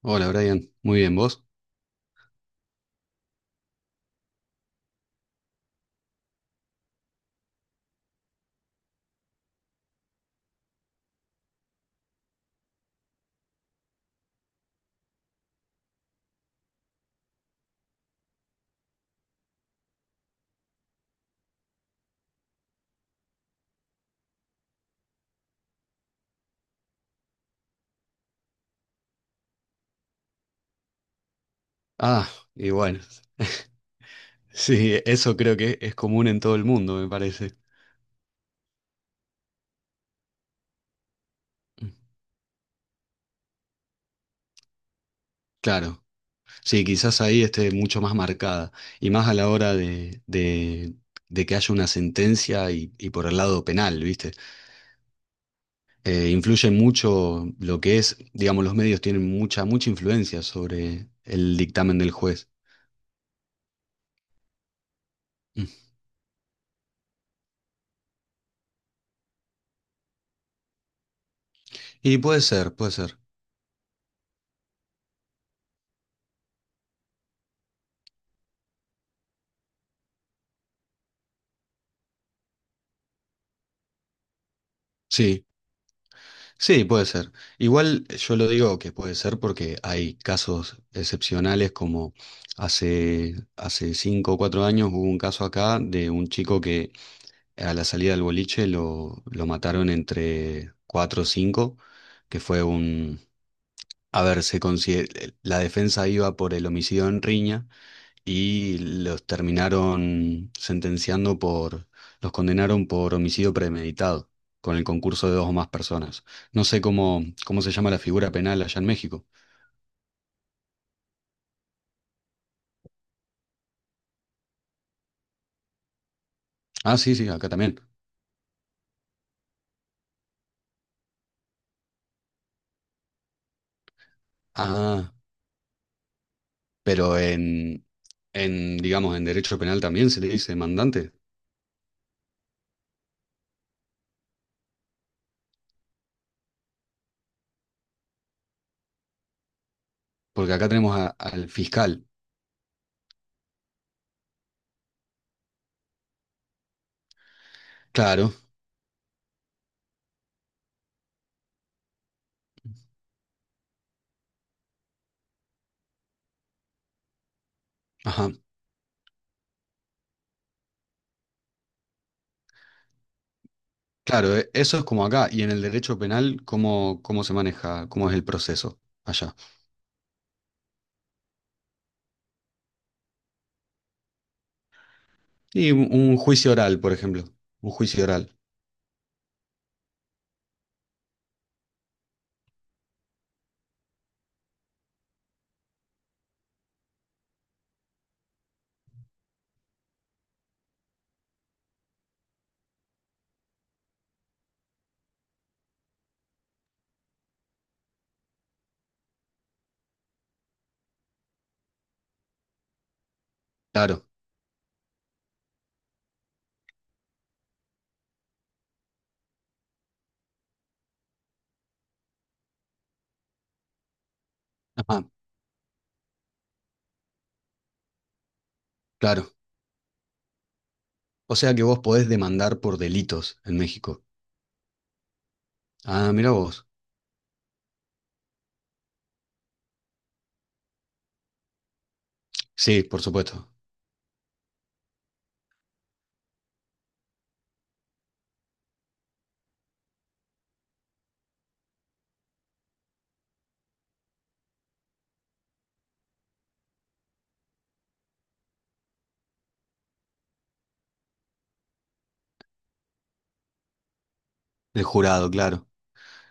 Hola Brian, muy bien, ¿vos? Ah, y bueno, sí, eso creo que es común en todo el mundo, me parece. Claro, sí, quizás ahí esté mucho más marcada y más a la hora de que haya una sentencia y por el lado penal, ¿viste? Influye mucho lo que es, digamos, los medios tienen mucha, mucha influencia sobre el dictamen del juez. Mm. Y puede ser, puede ser. Sí. Sí, puede ser. Igual yo lo digo que puede ser porque hay casos excepcionales como hace 5 o 4 años hubo un caso acá de un chico que a la salida del boliche lo mataron entre cuatro o cinco, que fue un... A ver, la defensa iba por el homicidio en riña y los terminaron sentenciando por, los condenaron por homicidio premeditado, con el concurso de dos o más personas. No sé cómo se llama la figura penal allá en México. Ah, sí, sí, acá también. Ah, pero digamos, en derecho penal también se le dice mandante, porque acá tenemos al fiscal. Claro, ajá. Claro, eso es como acá. Y en el derecho penal, ¿cómo, cómo se maneja? ¿Cómo es el proceso allá? Y un juicio oral, por ejemplo. Un juicio oral. Claro, ajá, claro. O sea que vos podés demandar por delitos en México. Ah, mira vos. Sí, por supuesto. El jurado, claro.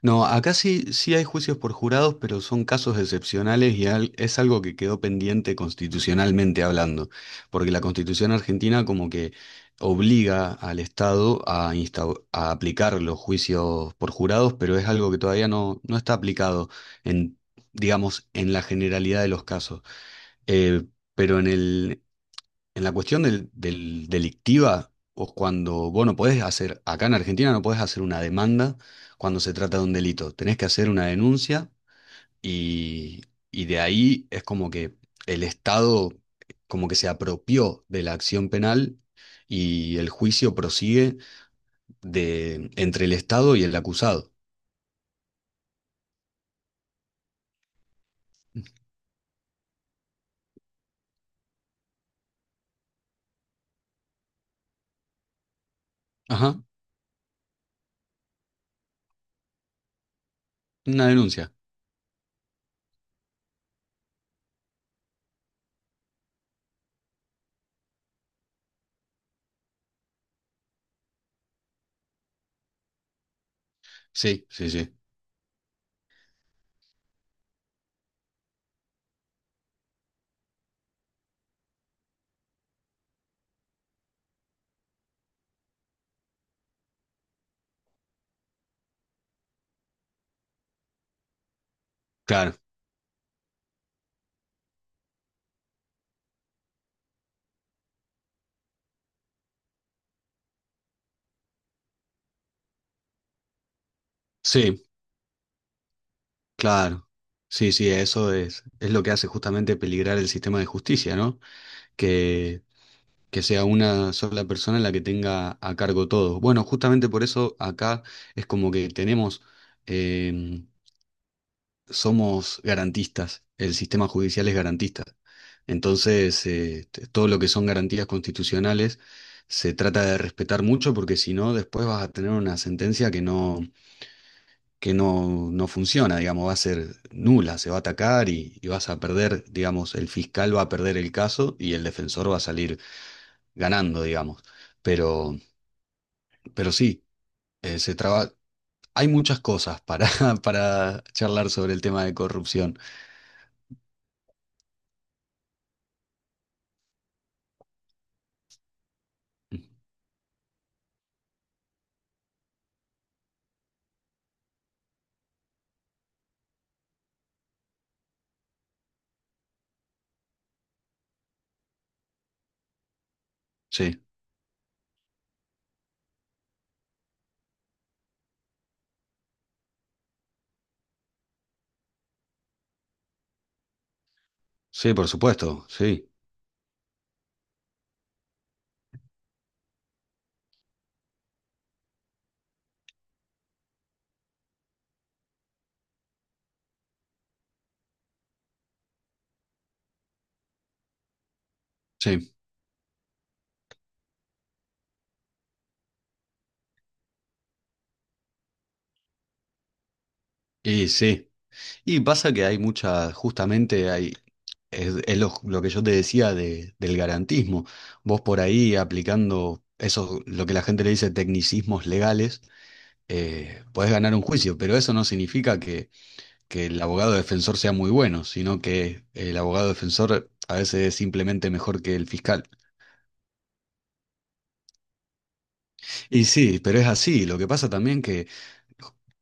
No, acá sí, sí hay juicios por jurados, pero son casos excepcionales y es algo que quedó pendiente constitucionalmente hablando, porque la Constitución argentina como que obliga al Estado a aplicar los juicios por jurados, pero es algo que todavía no, no está aplicado en, digamos, en la generalidad de los casos. Eh, pero en el, En la cuestión del delictiva, o cuando vos no podés hacer, acá en Argentina no podés hacer una demanda cuando se trata de un delito. Tenés que hacer una denuncia y, y de ahí es como que el Estado como que se apropió de la acción penal y el juicio prosigue de, entre el Estado y el acusado. Ajá, una denuncia. Sí, sí, sí. Claro, sí, claro. Sí, sí, eso es lo que hace justamente peligrar el sistema de justicia, ¿no? que, que sea una sola persona la que tenga a cargo todo. Bueno, justamente por eso acá es como que tenemos, eh, somos garantistas, el sistema judicial es garantista. Entonces, todo lo que son garantías constitucionales se trata de respetar mucho porque si no, después vas a tener una sentencia que no funciona, digamos, va a ser nula, se va a atacar y vas a perder, digamos, el fiscal va a perder el caso y el defensor va a salir ganando, digamos. Pero, pero sí, eh, se traba... hay muchas cosas para, para charlar sobre el tema de corrupción. Sí, sí, por supuesto, sí, sí, y sí. Y pasa que hay mucha, justamente hay, es lo que yo te decía del garantismo. Vos por ahí aplicando eso, lo que la gente le dice tecnicismos legales, podés ganar un juicio, pero eso no significa que el abogado defensor sea muy bueno, sino que el abogado defensor a veces es simplemente mejor que el fiscal. Y sí, pero es así. Lo que pasa también que,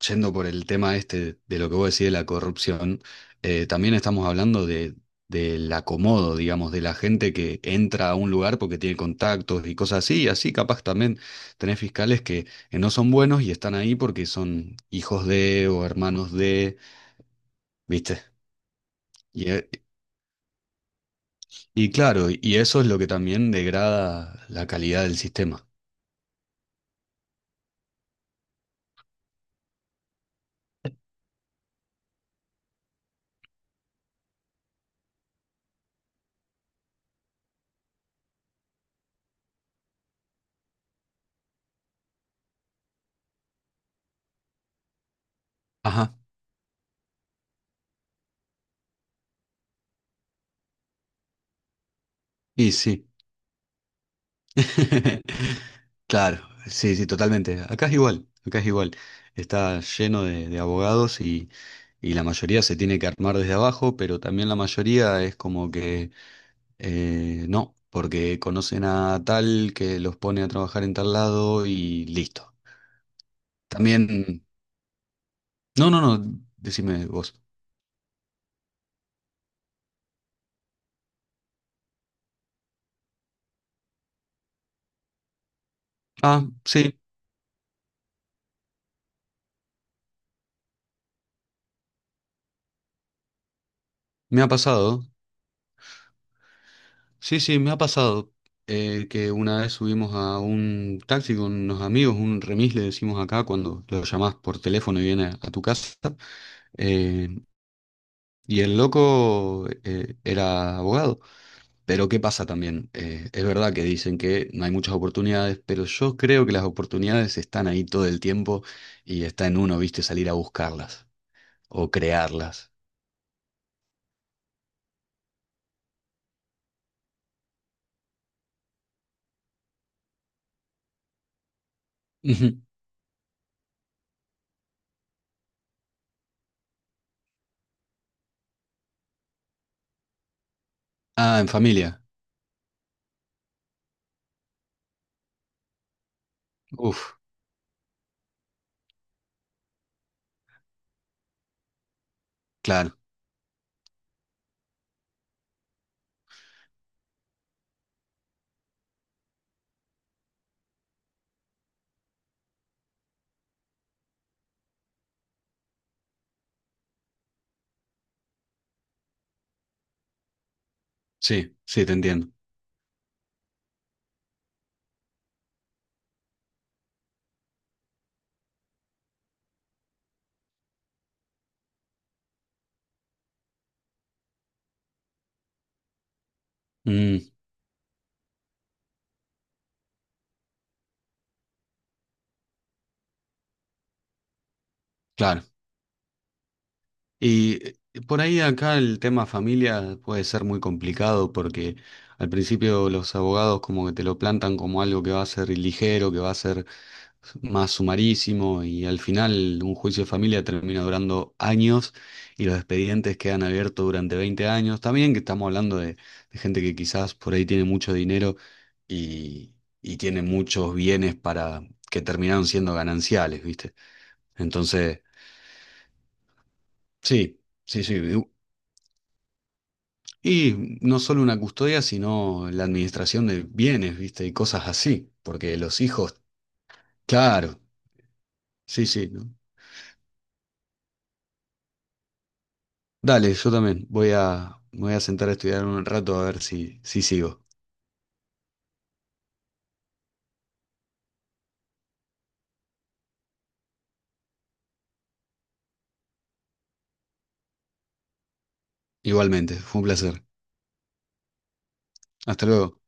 yendo por el tema este de lo que vos decís de la corrupción, también estamos hablando del acomodo, digamos, de la gente que entra a un lugar porque tiene contactos y cosas así, y así capaz también tenés fiscales que no son buenos y están ahí porque son hijos de o hermanos de, ¿viste? Y, eh, Y claro, y eso es lo que también degrada la calidad del sistema. Ajá, y sí. Claro, sí, sí, totalmente. Acá es igual, acá es igual. Está lleno de abogados y la mayoría se tiene que armar desde abajo, pero también la mayoría es como que no, porque conocen a tal que los pone a trabajar en tal lado y listo. También, no, no, no, decime vos. Ah, sí, me ha pasado. Sí, sí, me ha pasado que una vez subimos a un taxi con unos amigos, un remis le decimos acá cuando lo llamás por teléfono y viene a tu casa, eh, y el loco era abogado. Pero ¿qué pasa también? Es verdad que dicen que no hay muchas oportunidades, pero yo creo que las oportunidades están ahí todo el tiempo y está en uno, viste, salir a buscarlas o crearlas. Ujú. Ah, en familia. Uf, claro, sí, sí, te entiendo. Mm, claro. Y por ahí acá el tema familia puede ser muy complicado porque al principio los abogados como que te lo plantan como algo que va a ser ligero, que va a ser más sumarísimo y al final un juicio de familia termina durando años y los expedientes quedan abiertos durante 20 años. También que estamos hablando de gente que quizás por ahí tiene mucho dinero y, y tiene muchos bienes para que terminaron siendo gananciales, ¿viste? Entonces, sí. Sí, sí. Y no solo una custodia, sino la administración de bienes, ¿viste? Y cosas así, porque los hijos, claro, sí, sí, ¿no? Dale, yo también me voy a sentar a estudiar un rato a ver si, si sigo. Igualmente, fue un placer. Hasta luego.